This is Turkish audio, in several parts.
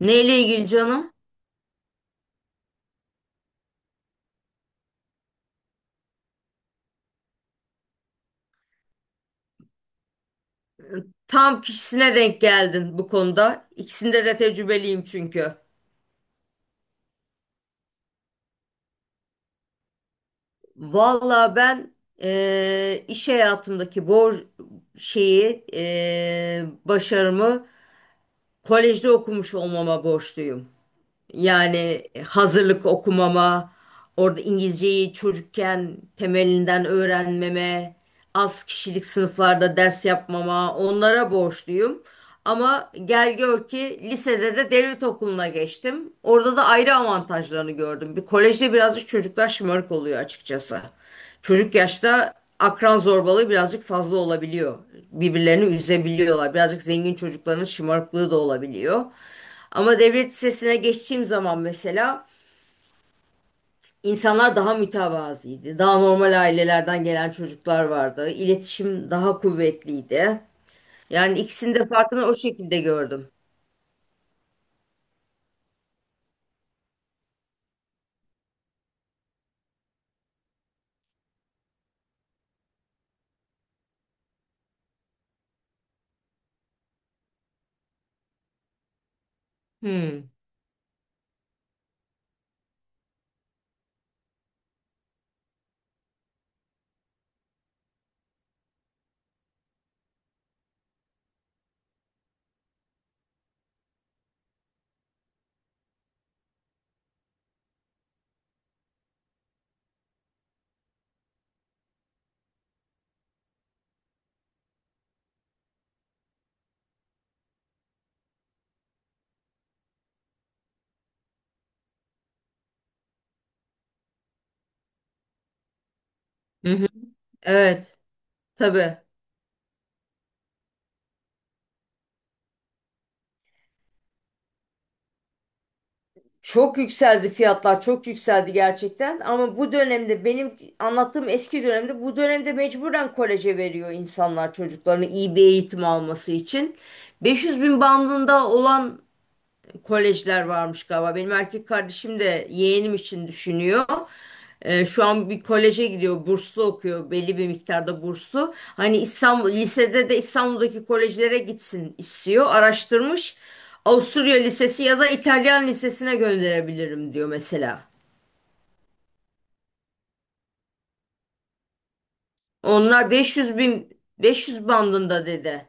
Neyle ilgili canım? Tam kişisine denk geldin bu konuda. İkisinde de tecrübeliyim çünkü. Valla ben iş hayatımdaki bor şeyi başarımı kolejde okumuş olmama borçluyum. Yani hazırlık okumama, orada İngilizceyi çocukken temelinden öğrenmeme, az kişilik sınıflarda ders yapmama onlara borçluyum. Ama gel gör ki lisede de devlet okuluna geçtim. Orada da ayrı avantajlarını gördüm. Bir kolejde birazcık çocuklar şımarık oluyor açıkçası. Çocuk yaşta akran zorbalığı birazcık fazla olabiliyor. Birbirlerini üzebiliyorlar. Birazcık zengin çocukların şımarıklığı da olabiliyor. Ama devlet lisesine geçtiğim zaman mesela insanlar daha mütevazıydı. Daha normal ailelerden gelen çocuklar vardı. İletişim daha kuvvetliydi. Yani ikisinin de farkını o şekilde gördüm. Hmm. Hı hı. Evet, tabii. Çok yükseldi fiyatlar, çok yükseldi gerçekten. Ama bu dönemde benim anlattığım eski dönemde bu dönemde mecburen koleje veriyor insanlar çocuklarını iyi bir eğitim alması için. 500 bin bandında olan kolejler varmış galiba. Benim erkek kardeşim de yeğenim için düşünüyor. Şu an bir koleje gidiyor, burslu okuyor, belli bir miktarda burslu. Hani lisede de İstanbul'daki kolejlere gitsin istiyor. Araştırmış. Avusturya Lisesi ya da İtalyan Lisesi'ne gönderebilirim diyor mesela. Onlar 500 bin, 500 bandında dedi.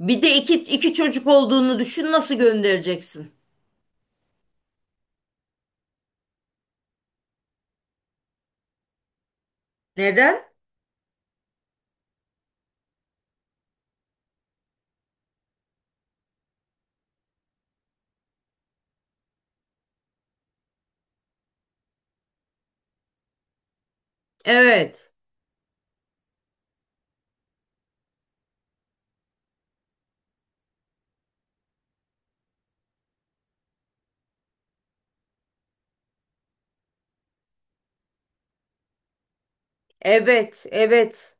Bir de iki çocuk olduğunu düşün, nasıl göndereceksin? Neden? Evet. Evet, evet.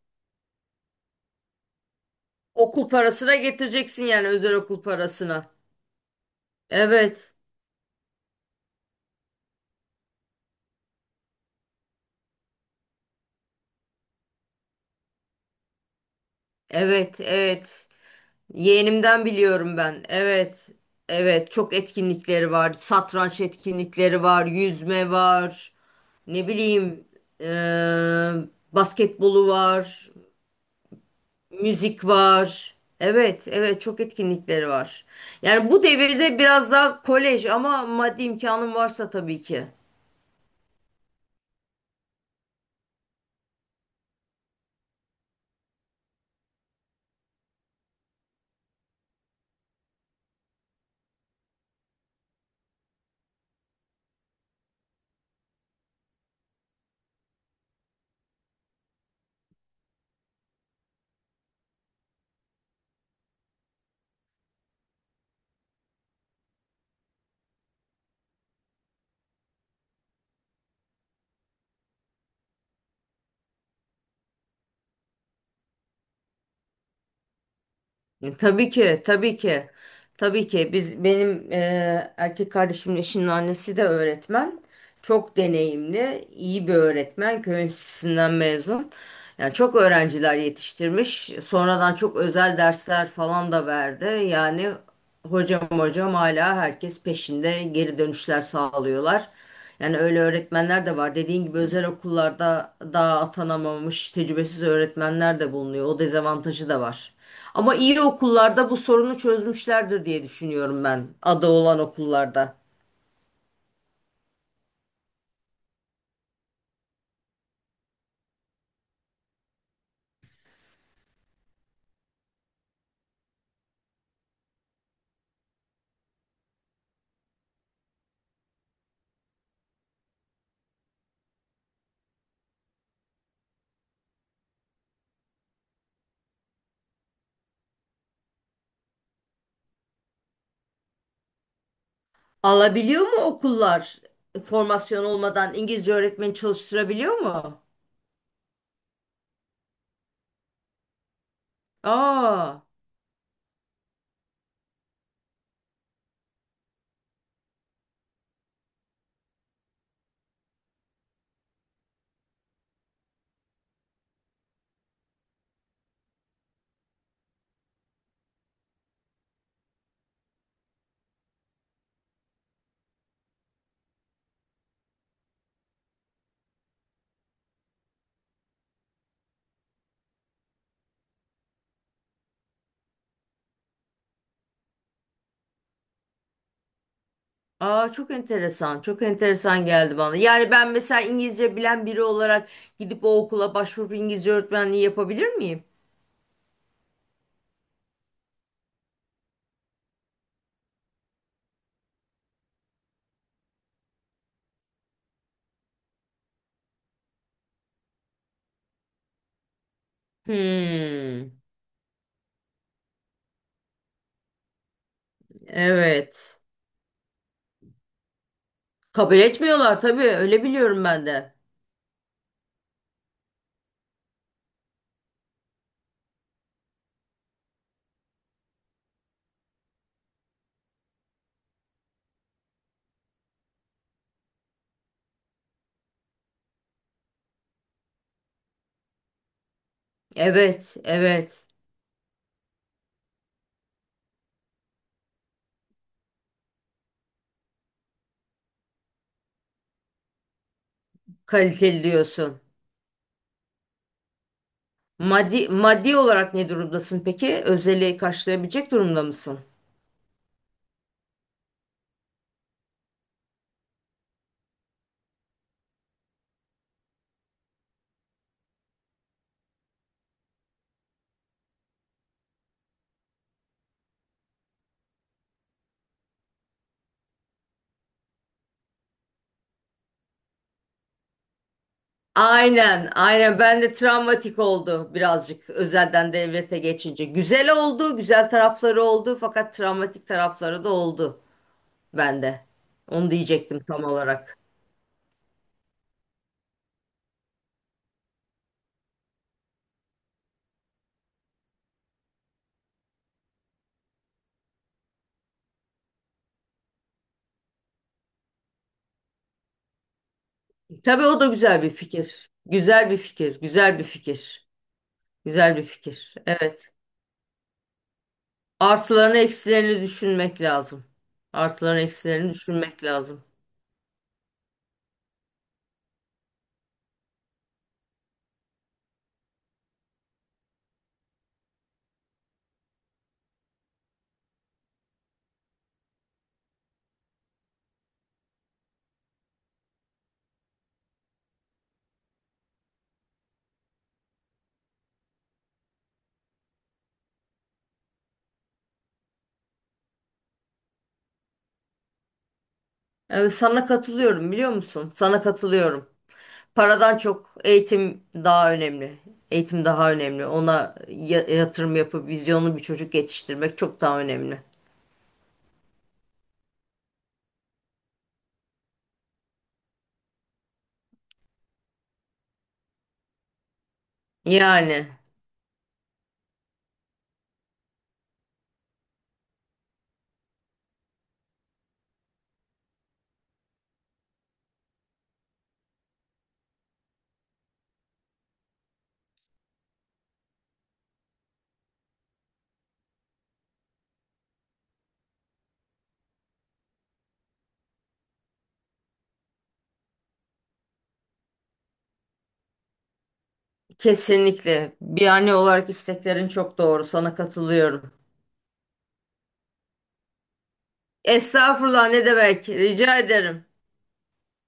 Okul parasına getireceksin yani, özel okul parasına. Evet. Evet, evet. Yeğenimden biliyorum ben. Evet. Evet, çok etkinlikleri var. Satranç etkinlikleri var, yüzme var. Ne bileyim, eee, basketbolu var, müzik var. Evet, evet çok etkinlikleri var. Yani bu devirde biraz daha kolej, ama maddi imkanın varsa tabii ki. Tabii ki, tabii ki. Tabii ki biz benim erkek kardeşimin eşinin annesi de öğretmen. Çok deneyimli, iyi bir öğretmen. Köy enstitüsünden mezun. Yani çok öğrenciler yetiştirmiş. Sonradan çok özel dersler falan da verdi. Yani hocam hocam hala herkes peşinde, geri dönüşler sağlıyorlar. Yani öyle öğretmenler de var. Dediğin gibi özel okullarda daha atanamamış tecrübesiz öğretmenler de bulunuyor. O dezavantajı da var. Ama iyi okullarda bu sorunu çözmüşlerdir diye düşünüyorum ben. Adı olan okullarda. Alabiliyor mu okullar formasyon olmadan İngilizce öğretmeni çalıştırabiliyor mu? Aa, aa çok enteresan. Çok enteresan geldi bana. Yani ben mesela İngilizce bilen biri olarak gidip o okula başvurup İngilizce öğretmenliği yapabilir miyim? Hmm. Evet. Kabul etmiyorlar tabii. Öyle biliyorum ben de. Evet, evet. Kaliteli diyorsun. Maddi, maddi olarak ne durumdasın peki? Özeli karşılayabilecek durumda mısın? Aynen, aynen. Ben de travmatik oldu birazcık özelden devlete geçince. Güzel oldu, güzel tarafları oldu fakat travmatik tarafları da oldu bende. Onu diyecektim tam olarak. Tabii o da güzel bir fikir. Güzel bir fikir, güzel bir fikir. Güzel bir fikir. Evet. Artılarını eksilerini düşünmek lazım. Artılarını eksilerini düşünmek lazım. Evet, sana katılıyorum biliyor musun? Sana katılıyorum. Paradan çok eğitim daha önemli. Eğitim daha önemli. Ona yatırım yapıp vizyonlu bir çocuk yetiştirmek çok daha önemli. Yani kesinlikle bir anne olarak isteklerin çok doğru. Sana katılıyorum. Estağfurullah, ne demek? Rica ederim.